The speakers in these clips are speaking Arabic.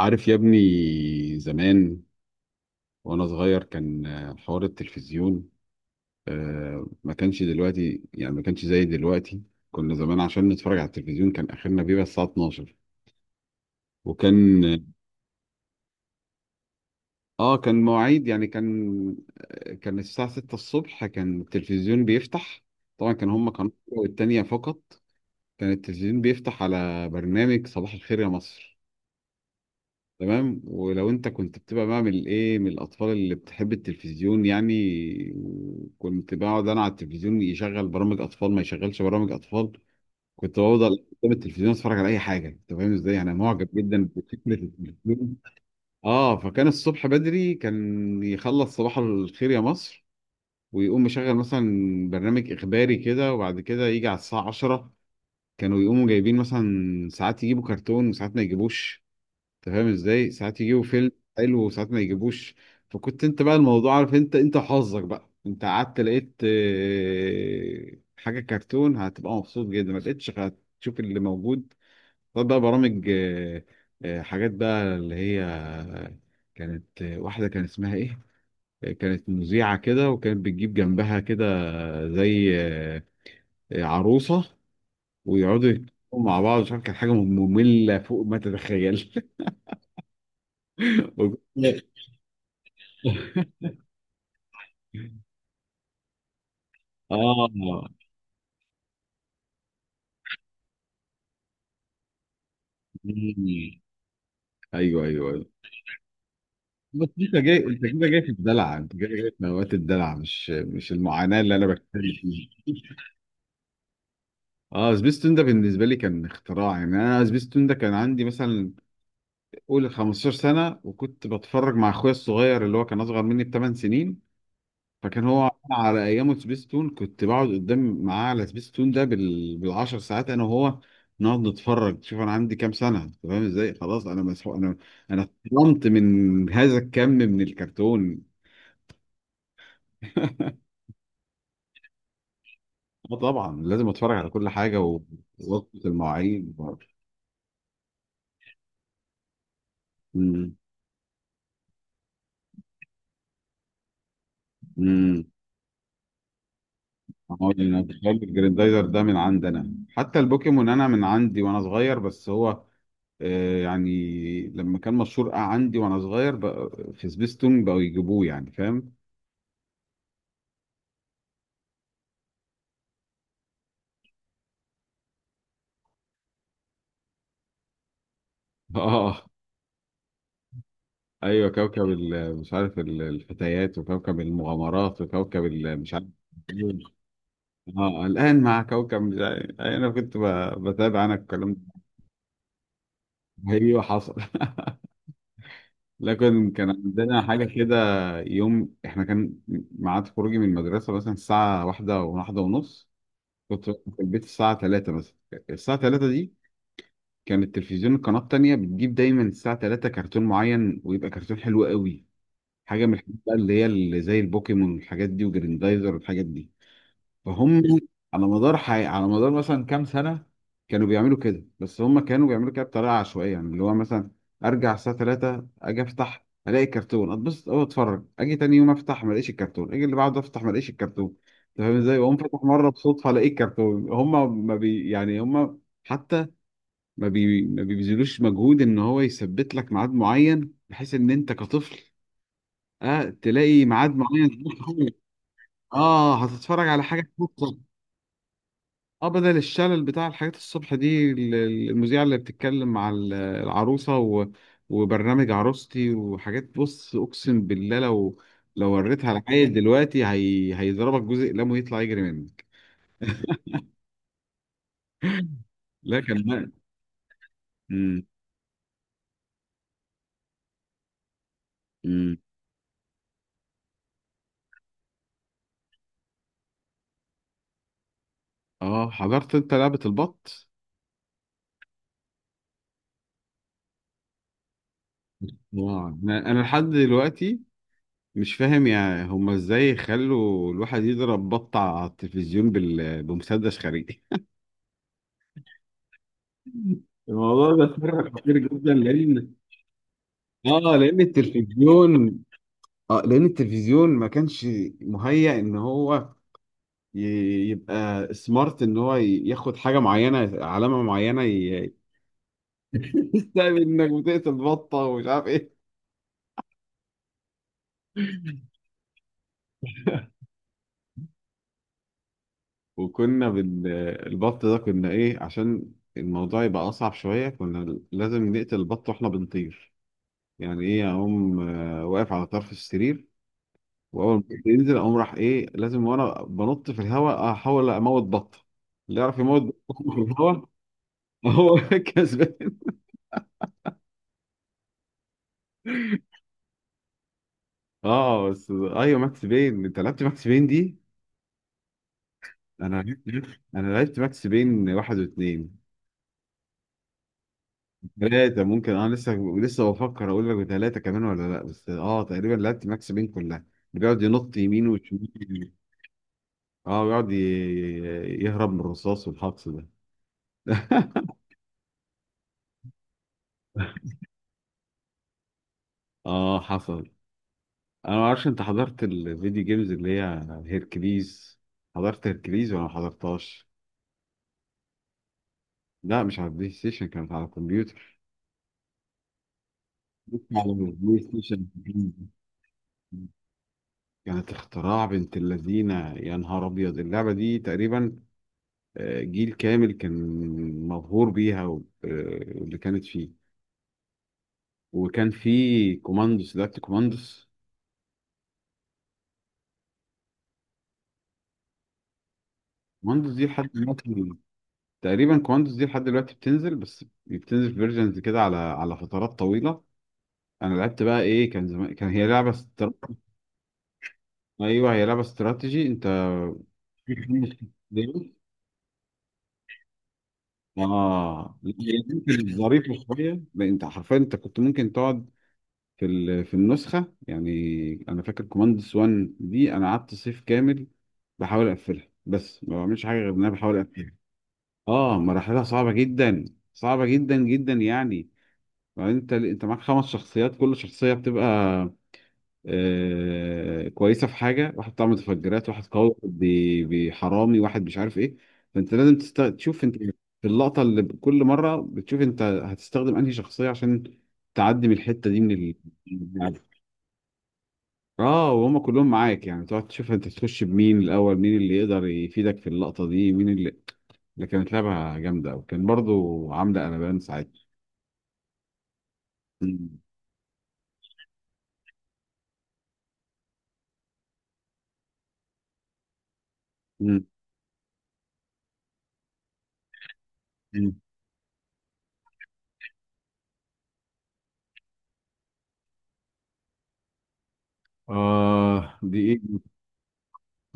عارف يا ابني، زمان وانا صغير كان حوار التلفزيون. ما كانش دلوقتي، يعني ما كانش زي دلوقتي. كنا زمان عشان نتفرج على التلفزيون كان اخرنا بيبقى الساعة 12. وكان. اه، كان مواعيد، يعني كان كان الساعة 6 الصبح كان التلفزيون بيفتح. طبعا كان هما قناة والتانية فقط. كان التلفزيون بيفتح على برنامج صباح الخير يا مصر. تمام، ولو انت كنت بتبقى من من الاطفال اللي بتحب التلفزيون يعني، كنت بقعد انا على التلفزيون، يشغل برامج اطفال ما يشغلش برامج اطفال كنت بفضل قدام التلفزيون اتفرج على اي حاجه. انت فاهم ازاي؟ انا معجب جدا بفكره التلفزيون. اه، فكان الصبح بدري كان يخلص صباح الخير يا مصر، ويقوم مشغل مثلا برنامج اخباري كده، وبعد كده يجي على الساعه 10 كانوا يقوموا جايبين، مثلا ساعات يجيبوا كرتون وساعات ما يجيبوش. انت فاهم ازاي؟ ساعات يجيبوا فيلم حلو وساعات ما يجيبوش. فكنت انت بقى الموضوع، عارف انت حظك بقى، انت قعدت لقيت حاجه كرتون هتبقى مبسوط جدا، ما لقيتش هتشوف اللي موجود. طب بقى برامج، حاجات بقى اللي هي، كانت واحده كان اسمها ايه، كانت مذيعه كده وكانت بتجيب جنبها كده، زي عروسه، ويقعدوا يتكلموا مع بعض. مش عارف، كانت حاجه ممله فوق ما تتخيل. اه. ايوه ايوه ايوه، بس انت جاي، انت كده جاي في الدلع، انت جاي في نوبات الدلع، مش المعاناه اللي انا بتكلم فيها. اه، سبيستون ده بالنسبه لي كان اختراع، يعني انا سبيستون ده كان عندي مثلا قول 15 سنه، وكنت بتفرج مع اخويا الصغير اللي هو كان اصغر مني بثمان سنين. فكان هو على ايامه سبيستون، كنت بقعد قدام معاه على سبيستون ده بالعشر ساعات انا وهو، نقعد نتفرج. شوف انا عندي كام سنه؟ أنت فاهم ازاي؟ خلاص انا مسحوق، انا اتطعمت من هذا الكم من الكرتون. اه طبعا لازم اتفرج على كل حاجه ووقت المواعيد برضه. امم امم، انا بخلي الجريندايزر ده من عندنا، حتى البوكيمون انا من عندي وانا صغير، بس هو يعني لما كان مشهور عندي وانا صغير، بقى في سبيستون بقوا يجيبوه، يعني فاهم. اه، ايوه كوكب مش عارف، الفتيات، وكوكب المغامرات، وكوكب مش عارف. اه الان مع كوكب مش عارف. يعني انا كنت بتابع انا الكلام ده. ايوه حصل. لكن كان عندنا حاجه كده، يوم احنا كان ميعاد خروجي من المدرسه مثلا الساعه واحدة وواحدة ونص، كنت في البيت الساعه 3 مثلا. الساعه 3 دي كان التلفزيون القناة التانية بتجيب دايما الساعة 3 كرتون معين، ويبقى كرتون حلو قوي، حاجة من الحاجات بقى اللي هي اللي زي البوكيمون والحاجات دي، وجريندايزر والحاجات دي، فهم. على مدار مثلا كام سنة كانوا بيعملوا كده، بس هم كانوا بيعملوا كده بطريقة عشوائية، يعني اللي هو مثلا أرجع الساعة 3 أجي أفتح ألاقي كرتون أتبسط أوي أتفرج، أجي تاني يوم أفتح ما ألاقيش الكرتون، أجي اللي بعده أفتح ما ألاقيش الكرتون. أنت فاهم إزاي؟ وأقوم فاتح مرة بصدفة ألاقي الكرتون. هم ما بي يعني هم حتى ما بي ما بيبذلوش مجهود ان هو يثبت لك ميعاد معين، بحيث ان انت كطفل اه تلاقي ميعاد معين تروح له. اه هتتفرج على حاجه تفكك. اه، بدل الشلل بتاع الحاجات الصبح دي، المذيعه اللي بتتكلم مع العروسه، و... وبرنامج عروستي وحاجات. بص، اقسم بالله لو، لو وريتها لعيل دلوقتي هيضربك جزء قلمه يطلع يجري منك. لا كان بقى. امم امم. اه، حضرت انت لعبه البط؟ واو. انا لحد دلوقتي مش فاهم يا هما ازاي خلوا الواحد يضرب بط على التلفزيون بمسدس خارجي. الموضوع ده اتفرج كتير جدا لان، اه لان التلفزيون، اه لان التلفزيون ما كانش مهيأ ان هو ي... يبقى سمارت، ان هو ياخد حاجه معينه، علامه معينه تعمل انك بتقتل بطه ومش عارف ايه. وكنا البط ده كنا ايه، عشان الموضوع يبقى اصعب شويه كنا لازم نقتل البط واحنا بنطير. يعني ايه، اقوم واقف على طرف السرير واول ما البط ينزل اقوم راح ايه لازم وانا بنط في الهواء احاول اموت بط، اللي يعرف يموت بط في الهواء هو كسبان. اه بس، ايوه ماكس بين، انت لعبت ماكس بين دي؟ انا لعبت ماكس بين واحد واثنين. ثلاثة ممكن، انا لسه بفكر، اقول لك ثلاثة كمان ولا لا، بس اه تقريبا لعبت ماكس بين كلها، اللي بيقعد ينط يمين وشمال. اه بيقعد يهرب من الرصاص والحقص ده. اه حصل. انا ما اعرفش انت حضرت الفيديو جيمز اللي هي هيركليز؟ حضرت هيركليز ولا ما حضرتهاش؟ لا مش على البلاي ستيشن، كانت على الكمبيوتر. بس على البلاي ستيشن. كانت اختراع بنت اللذينه، يا نهار ابيض اللعبه دي. تقريبا جيل كامل كان مبهور بيها واللي كانت فيه. وكان في كوماندوس، لعبت كوماندوس؟ كوماندوس دي لحد دلوقتي، تقريبا كوماندوس دي لحد دلوقتي بتنزل، بس بتنزل فيرجنز كده على على فترات طويله. انا لعبت بقى ايه كان زمان، كان هي ايوه هي لعبه استراتيجي انت. في خمس شخصيات. اه لا، هي ممكن ظريفه شويه، لأن انت حرفيا انت كنت ممكن تقعد في في النسخه، يعني انا فاكر كوماندس 1 دي انا قعدت صيف كامل بحاول اقفلها، بس ما بعملش حاجه غير ان انا بحاول اقفلها. اه مراحلها صعبه جدا، صعبه جدا جدا يعني. وبعدين انت معاك خمس شخصيات، كل شخصيه بتبقى كويسه في حاجه، واحد بتاع متفجرات، واحد قوي، واحد بيحرامي، واحد مش عارف ايه. فانت لازم تشوف انت في اللقطه اللي كل مره بتشوف انت هتستخدم انهي شخصيه عشان تعدي من الحته دي من يعني. اه وهم كلهم معاك، يعني تقعد تشوف انت تخش بمين الاول، مين اللي يقدر يفيدك في اللقطه دي، مين اللي، اللي كانت لعبه جامده وكان برضو عامله قلبان ساعتها. مم. مم. مم. اه دي ايه،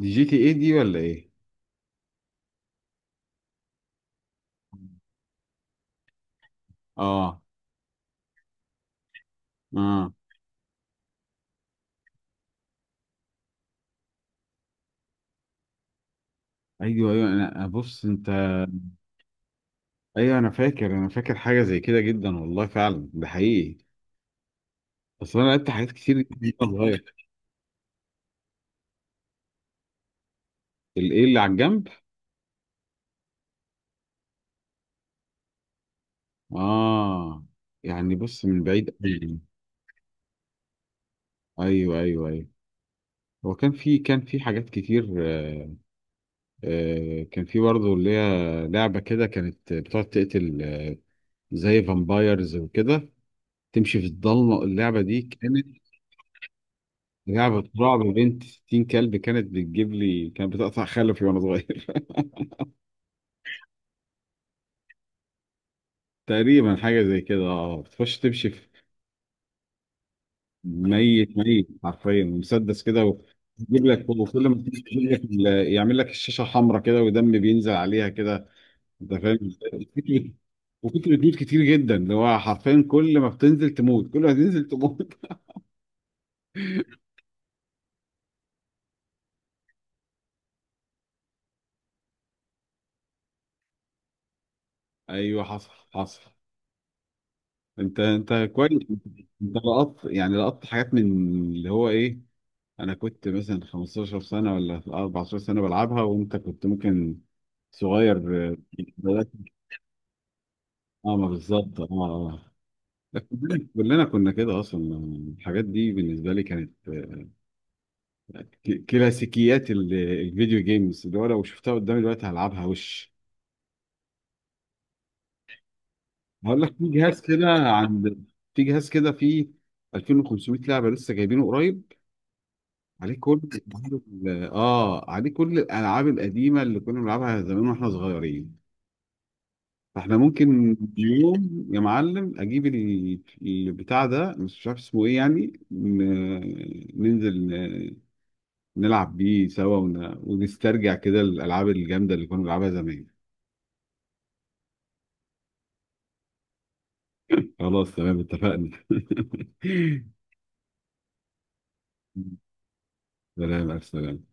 دي جي تي ايه دي ولا ايه؟ اه اه. ايوه ايوه، انا بص انت، ايوه انا فاكر، انا فاكر حاجه زي كده جدا، والله فعلا ده حقيقي. اصل انا لعبت حاجات كتير جدا وانا صغير. الايه اللي على الجنب؟ اه. يعني بص من بعيد قوي. ايوه ايوه ايوه. هو كان في، كان في حاجات كتير آه. آه كان في برضه اللي هي لعبه كده، كانت بتقعد تقتل آه، زي فامبايرز وكده، تمشي في الضلمه. اللعبه دي كانت لعبه رعب بنت 60 كلب، كانت بتجيب لي، كانت بتقطع خلفي وانا صغير. تقريبا حاجة زي كده، اه بتخش تمشي في، ميت ميت حرفيا، مسدس كده ويجيب لك، وكل ما تمشي يجيب لك يعمل لك الشاشة حمراء كده ودم بينزل عليها كده. انت فاهم؟ وكتلة، وكتلة دود كتير جدا، اللي هو حرفيا كل ما بتنزل تموت، كل ما تنزل تموت. ايوه حصل حصل. انت كويس، انت لقطت يعني لقطت حاجات من اللي هو ايه، انا كنت مثلا 15 سنة ولا 14 سنة بلعبها، وانت كنت ممكن صغير. اه ما بالظبط، اه اه. كلنا كنا كده اصلا. الحاجات دي بالنسبه لي كانت كلاسيكيات الفيديو جيمز، اللي هو لو شفتها قدامي دلوقتي هلعبها وش. هقول لك، في جهاز كده عند، في جهاز كده فيه 2,500 لعبه لسه جايبينه قريب، عليه كل اه عليه كل الالعاب القديمه اللي كنا بنلعبها زمان واحنا صغيرين. فاحنا ممكن يوم يا معلم اجيب البتاع ده، بس مش عارف اسمه ايه، يعني ننزل نلعب بيه سوا ونسترجع كده الالعاب الجامده اللي كنا بنلعبها زمان. خلاص تمام، اتفقنا. سلام السلام.